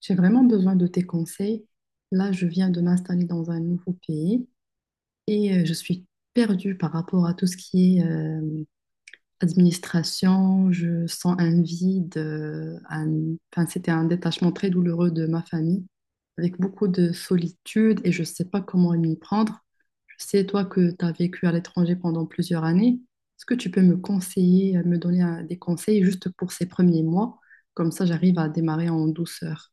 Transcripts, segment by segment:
J'ai vraiment besoin de tes conseils. Là, je viens de m'installer dans un nouveau pays et je suis perdue par rapport à tout ce qui est administration. Je sens un vide. Enfin, c'était un détachement très douloureux de ma famille, avec beaucoup de solitude et je ne sais pas comment m'y prendre. Je sais, toi, que tu as vécu à l'étranger pendant plusieurs années. Est-ce que tu peux me conseiller, me donner des conseils juste pour ces premiers mois? Comme ça, j'arrive à démarrer en douceur.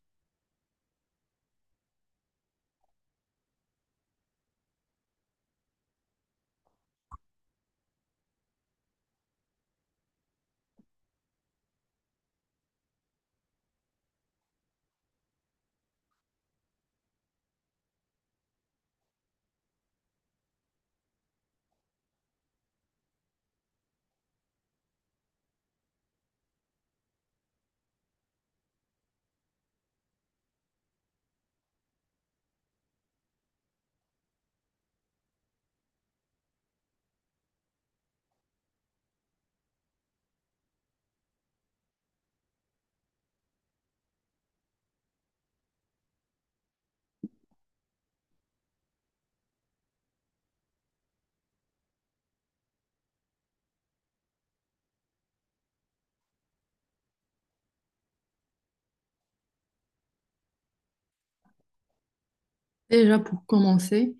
Déjà, pour commencer,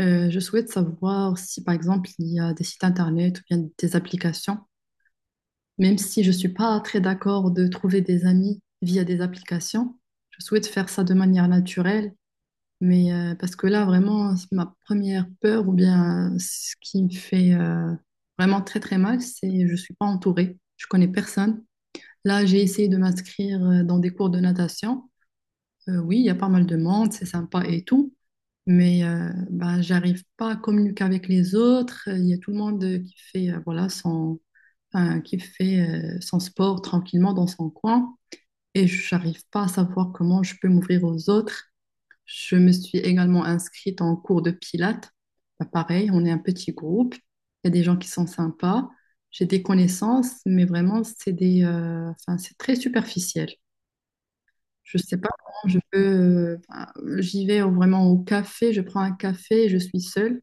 je souhaite savoir si, par exemple, il y a des sites internet ou bien des applications. Même si je ne suis pas très d'accord de trouver des amis via des applications, je souhaite faire ça de manière naturelle. Mais parce que là, vraiment, c'est ma première peur ou bien ce qui me fait vraiment très très mal, c'est je ne suis pas entourée. Je connais personne. Là, j'ai essayé de m'inscrire dans des cours de natation. Oui, il y a pas mal de monde, c'est sympa et tout, mais j'arrive pas à communiquer avec les autres. Il y a tout le monde qui fait, voilà, qui fait son sport tranquillement dans son coin et j'arrive pas à savoir comment je peux m'ouvrir aux autres. Je me suis également inscrite en cours de pilates. Ben, pareil, on est un petit groupe, il y a des gens qui sont sympas, j'ai des connaissances, mais vraiment, enfin, c'est très superficiel. Je sais pas comment je peux. J'y vraiment au café, je prends un café, je suis seule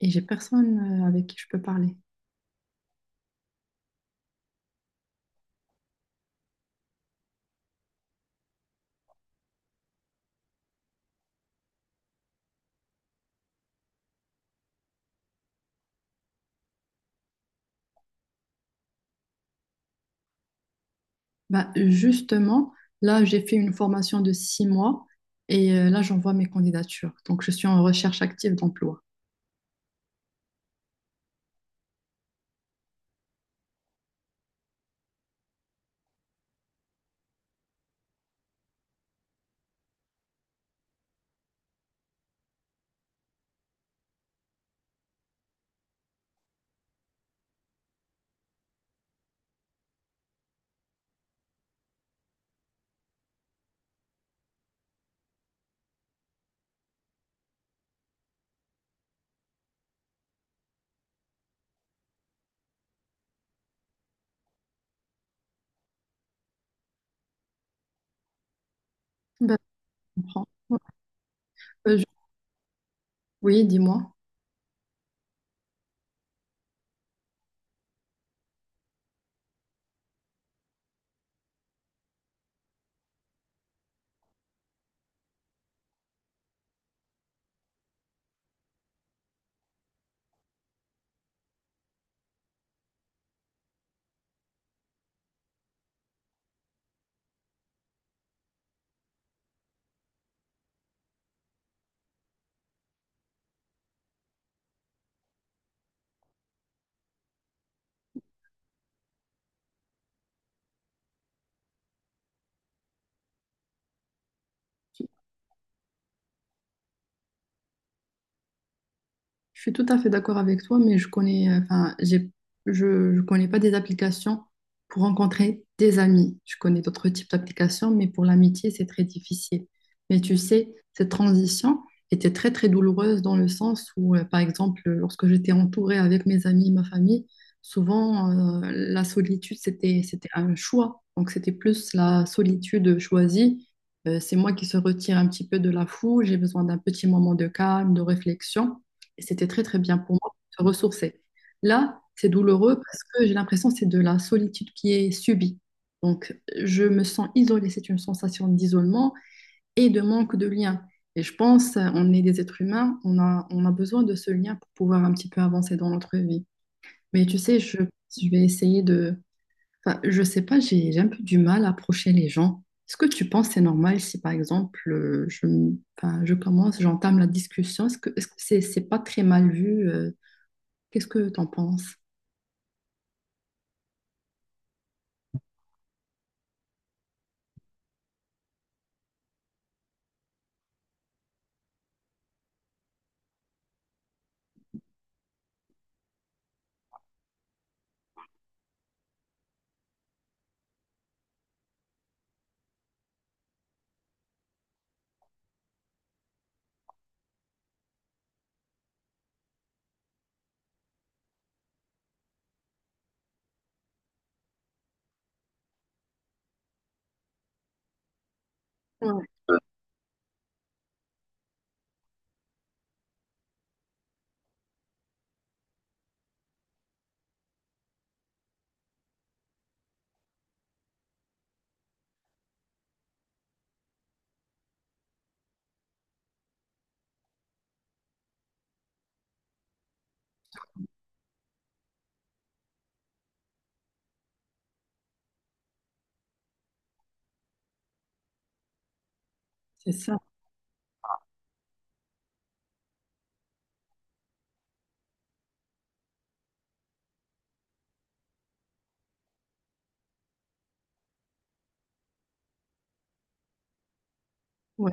et j'ai personne avec qui je peux parler. Bah, justement, là, j'ai fait une formation de 6 mois et là, j'envoie mes candidatures. Donc, je suis en recherche active d'emploi. Bah, je comprends. Euh, je- Oui, dis-moi. Je suis tout à fait d'accord avec toi, mais je connais, enfin, j'ai, je connais pas des applications pour rencontrer des amis. Je connais d'autres types d'applications, mais pour l'amitié, c'est très difficile. Mais tu sais, cette transition était très, très douloureuse dans le sens où, par exemple, lorsque j'étais entourée avec mes amis, ma famille, souvent, la solitude, c'était un choix. Donc, c'était plus la solitude choisie. C'est moi qui se retire un petit peu de la foule. J'ai besoin d'un petit moment de calme, de réflexion. Et c'était très, très bien pour moi de se ressourcer. Là, c'est douloureux parce que j'ai l'impression que c'est de la solitude qui est subie. Donc, je me sens isolée. C'est une sensation d'isolement et de manque de lien. Et je pense, on est des êtres humains, on a besoin de ce lien pour pouvoir un petit peu avancer dans notre vie. Mais tu sais, je vais essayer de... Enfin, je sais pas, j'ai un peu du mal à approcher les gens. Est-ce que tu penses que c'est normal si, par exemple, enfin, j'entame la discussion? Est-ce que c'est pas très mal vu, qu'est-ce que t'en penses? Ouais. C'est ça, ouais.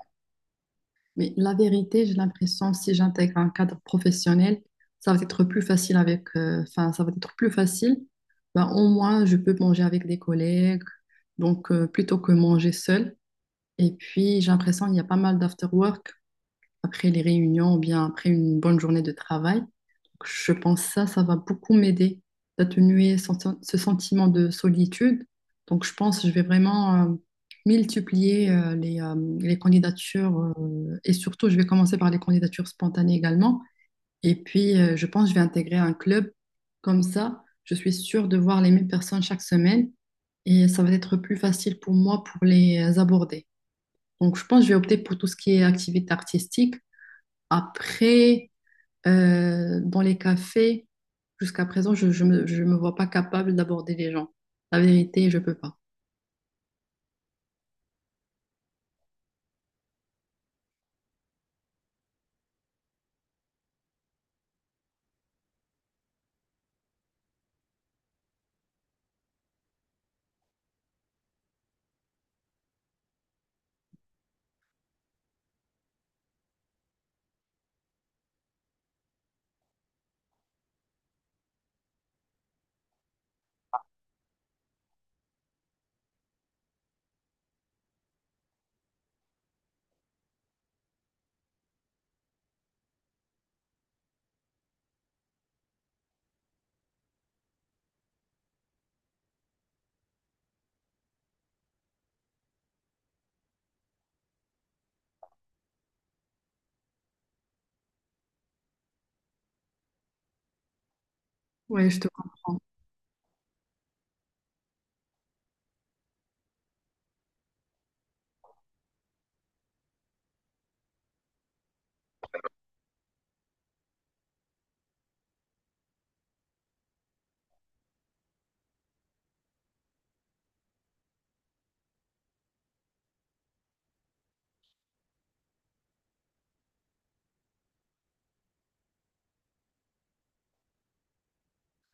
Mais la vérité, j'ai l'impression si j'intègre un cadre professionnel, ça va être plus enfin, ça va être plus facile. Ben, au moins, je peux manger avec des collègues, donc plutôt que manger seul. Et puis, j'ai l'impression qu'il y a pas mal d'after work après les réunions ou bien après une bonne journée de travail. Je pense que ça va beaucoup m'aider d'atténuer ce sentiment de solitude. Donc, je pense que je vais vraiment multiplier les candidatures et surtout, je vais commencer par les candidatures spontanées également. Et puis, je pense que je vais intégrer un club. Comme ça, je suis sûre de voir les mêmes personnes chaque semaine et ça va être plus facile pour moi pour les aborder. Donc, je pense que je vais opter pour tout ce qui est activité artistique. Après, dans les cafés, jusqu'à présent, je me vois pas capable d'aborder les gens. La vérité, je peux pas. Ouais, je te comprends.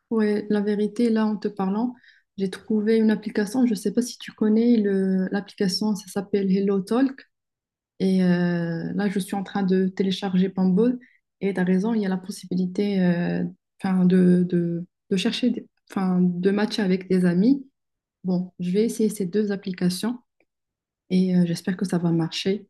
Ouais, la vérité, là, en te parlant, j'ai trouvé une application, je sais pas si tu connais l'application, ça s'appelle Hello Talk. Et là, je suis en train de télécharger Bumble. Et tu as raison, il y a la possibilité de chercher, de matcher avec des amis. Bon, je vais essayer ces deux applications et j'espère que ça va marcher.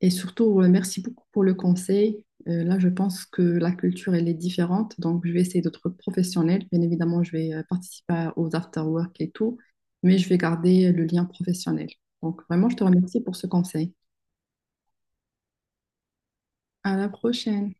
Et surtout, merci beaucoup pour le conseil. Là, je pense que la culture, elle est différente. Donc, je vais essayer d'être professionnelle. Bien évidemment, je vais participer aux after-work et tout, mais je vais garder le lien professionnel. Donc, vraiment, je te remercie pour ce conseil. À la prochaine.